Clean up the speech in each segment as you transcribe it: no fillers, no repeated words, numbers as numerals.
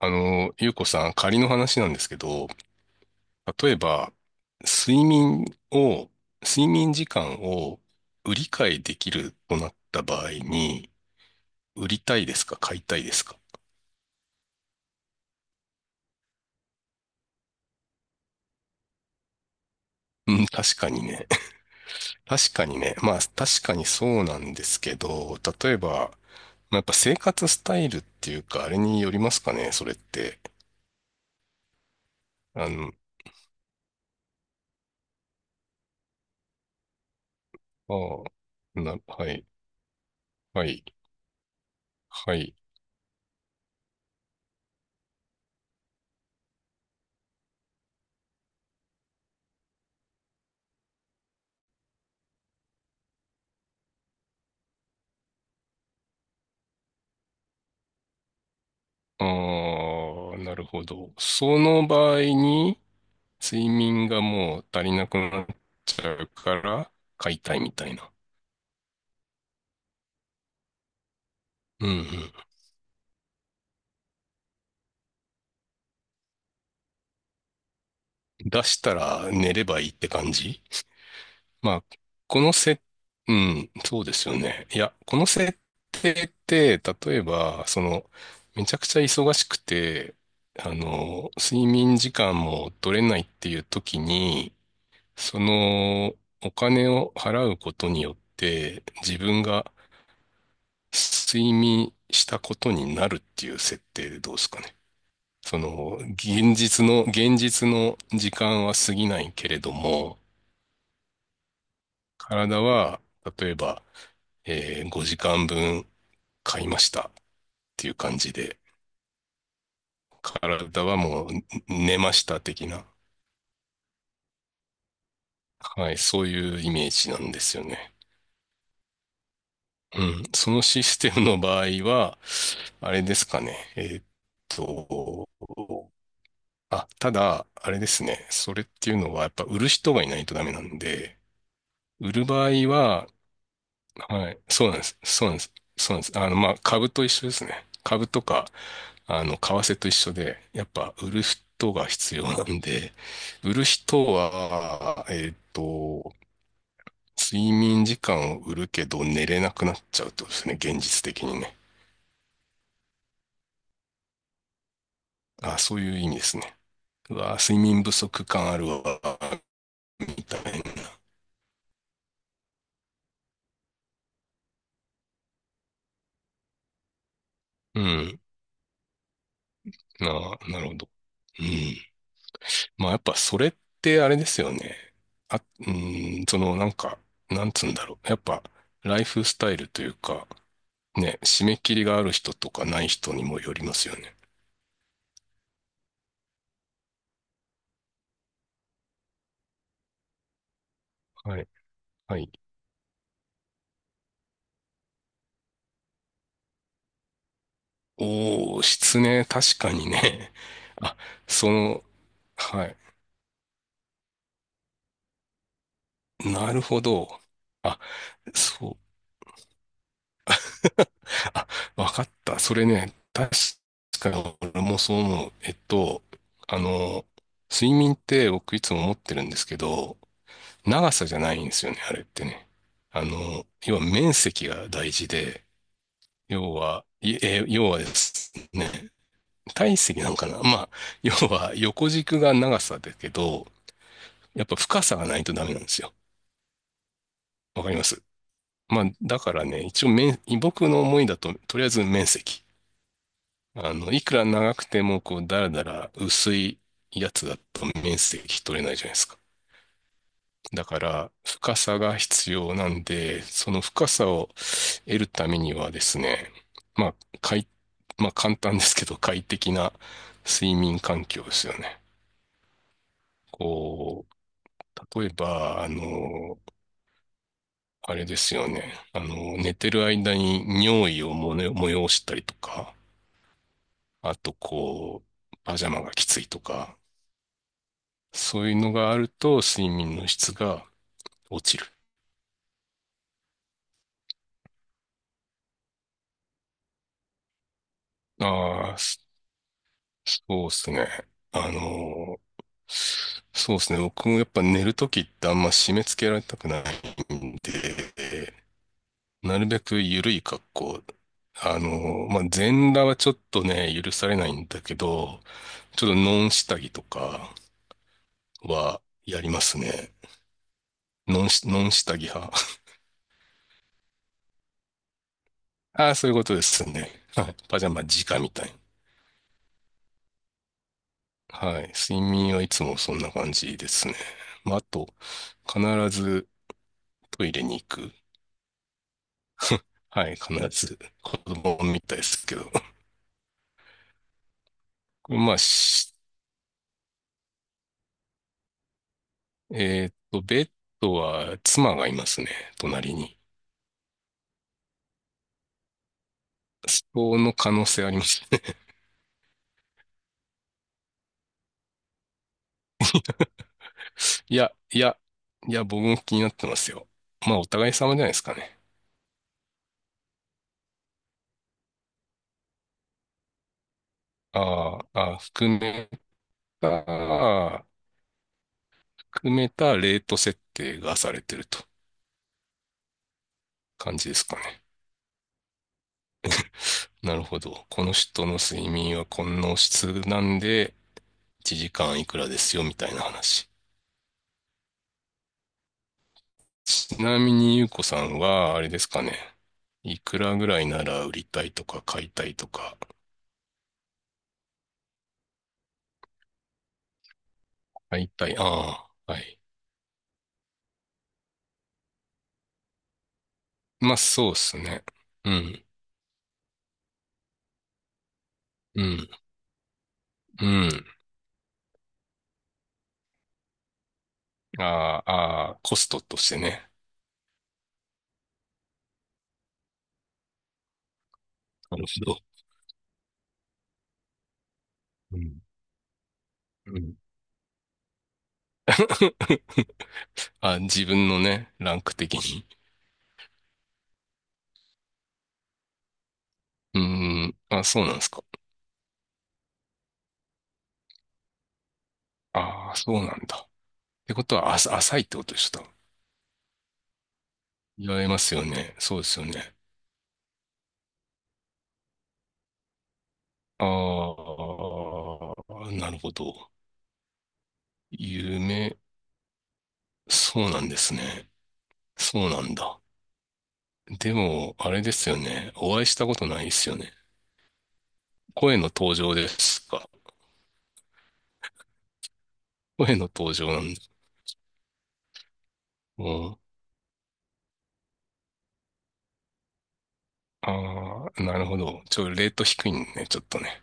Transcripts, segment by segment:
ゆうこさん、仮の話なんですけど、例えば、睡眠を、睡眠時間を売り買いできるとなった場合に、売りたいですか買いたいですか？うん、確かにね。確かにね。まあ、確かにそうなんですけど、例えば、まあやっぱ生活スタイルっていうか、あれによりますかね、それって。あの、あはい、はい、はい。ああ、なるほど。その場合に、睡眠がもう足りなくなっちゃうから買いたいみたいな。うんうん。出したら寝ればいいって感じ。まあ、このせ、うん、そうですよね。いや、この設定って例えば、めちゃくちゃ忙しくて、睡眠時間も取れないっていう時に、その、お金を払うことによって、自分が睡眠したことになるっていう設定でどうですかね。その、現実の時間は過ぎないけれども、体は、例えば、5時間分買いましたっていう感じで、体はもう寝ました的な、はい、そういうイメージなんですよね。うん。そのシステムの場合は、あれですかね。と、あ、ただ、あれですね。それっていうのは、やっぱ売る人がいないとダメなんで、売る場合は、はい、そうなんです。そうなんです。そうなんです。まあ、株と一緒ですね。株とか、為替と一緒で、やっぱ売る人が必要なんで、売る人は、睡眠時間を売るけど寝れなくなっちゃうってことですね。現実的にね。あ、そういう意味ですね。うわ、睡眠不足感あるわ、みたいな。うん。あ、なるほど。うん、まあやっぱそれってあれですよね。あ、うーん、そのなんか、なんつうんだろう。やっぱライフスタイルというか、ね、締め切りがある人とかない人にもよりますよね。はい。はい。おー、失ね、確かにね。あ、その、はい。なるほど。あ、そう。あ、わかった。それね、確かに俺もそう思う。あの、睡眠って僕いつも思ってるんですけど、長さじゃないんですよね、あれってね。要は面積が大事で、要はですね、体積なんかな。まあ、要は横軸が長さだけど、やっぱ深さがないとダメなんですよ。わかります。まあ、だからね、一応面、僕の思いだと、とりあえず面積。いくら長くても、こう、だらだら薄いやつだと面積取れないじゃないですか。だから、深さが必要なんで、その深さを得るためにはですね、まあ、快、まあ、簡単ですけど、快適な睡眠環境ですよね。こう、例えば、あれですよね。寝てる間に尿意をもね催したりとか、あと、こう、パジャマがきついとか、そういうのがあると、睡眠の質が落ちる。ああ、そうですね。あのそうですね。僕もやっぱ寝るときってあんま締め付けられたくないんで、なるべく緩い格好。あのまあ、全裸はちょっとね、許されないんだけど、ちょっとノン下着とかはやりますね。ノン下着派。ああ、そういうことですね。はい。パジャマ直みたいな。はい。睡眠はいつもそんな感じですね。まあ、あと、必ずトイレに行く。はい、必ず子供みたいですけど。まあ、しえっと、ベッドは妻がいますね、隣に。そこの可能性ありますね。いや、いや、いや、僕も気になってますよ。まあ、お互い様じゃないですかね。あーあー、あ含めた、含めたレート設定がされてると感じですかね。なるほど。この人の睡眠はこの質なんで、1時間いくらですよ、みたいな話。ちなみにゆうこさんは、あれですかね。いくらぐらいなら売りたいとか買いたいとか。買いたい。ああ、はい。まあそうですね。うん、うん、うん。あああ、コストとしてね。なるほど。うん、うん。あ、自分のね、ランク的に。うん、あ、そうなんですか。ああ、そうなんだ。ってことは、あ、浅いってことでした。言われますよね。そうですよね。ああ、なるほど。夢、そうなんですね。そうなんだ。でも、あれですよね。お会いしたことないですよね。声の登場ですか？声の登場なんだ。うん。ああ、なるほど。ちょ、レート低いね、ちょっとね。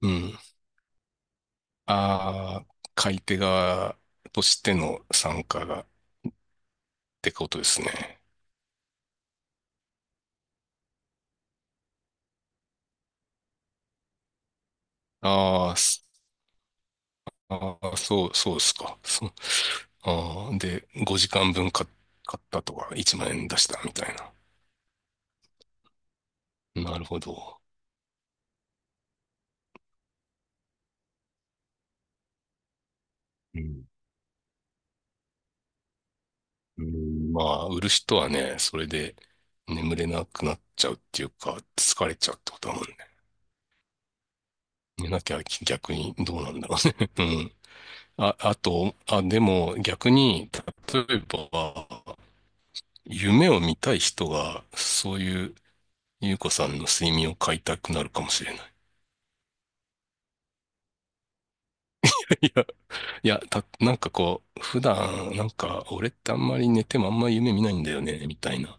うん。ああ、買い手側としての参加がってことですね。あーすあー、そう、そうですか。そう。ああ、で、5時間分買ったとか、1万円出したみたいな。なるほど。うん。うん、まあ、売る人はね、それで眠れなくなっちゃうっていうか、疲れちゃうってことだもんね。寝なきゃ逆にどうなんだろうね。うん。あ、あと、あ、でも逆に、例えば、夢を見たい人が、そういう、ゆうこさんの睡眠を買いたくなるかもしれない。いや、なんかこう、普段、なんか、俺ってあんまり寝てもあんまり夢見ないんだよね、みたいな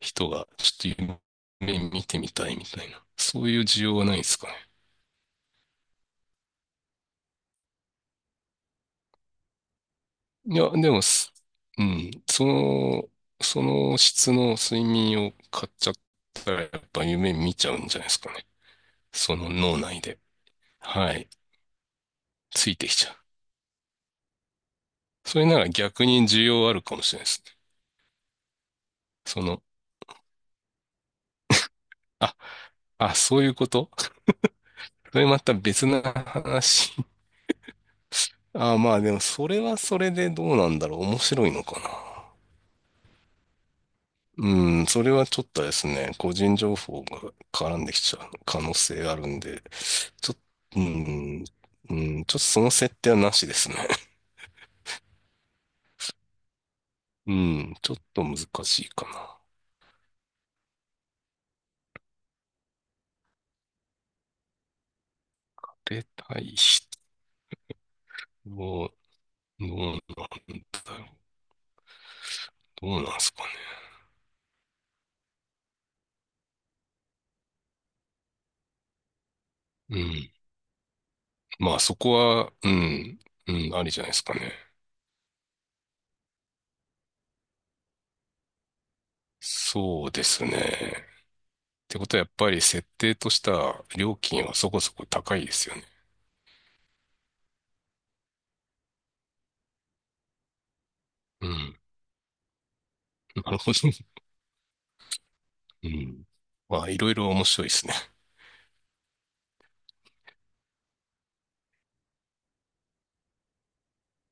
人が、ちょっと夢見てみたいみたいな。そういう需要はないですかね？いや、でもす、うん、その、その質の睡眠を買っちゃったら、やっぱ夢見ちゃうんじゃないですかね。その脳内で。はい。ついてきちゃう。それなら逆に需要あるかもしれないですね。その、あ、あ、そういうこと。 それまた別な話。あ、まあでも、それはそれでどうなんだろう。面白いのかな。うん、それはちょっとですね、個人情報が絡んできちゃう可能性あるんで、ちょっと、うん、うん、ちょっとその設定はなしですね。うん、ちょっと難しいかな。出たい人をどうなんだろう。どうなんですかね。うん。まあそこは、うん、ありじゃないですかね。そうですね。ってことはやっぱり設定とした料金はそこそこ高いですよね。うん。なるほど。うん。まあいろいろ面白いですね。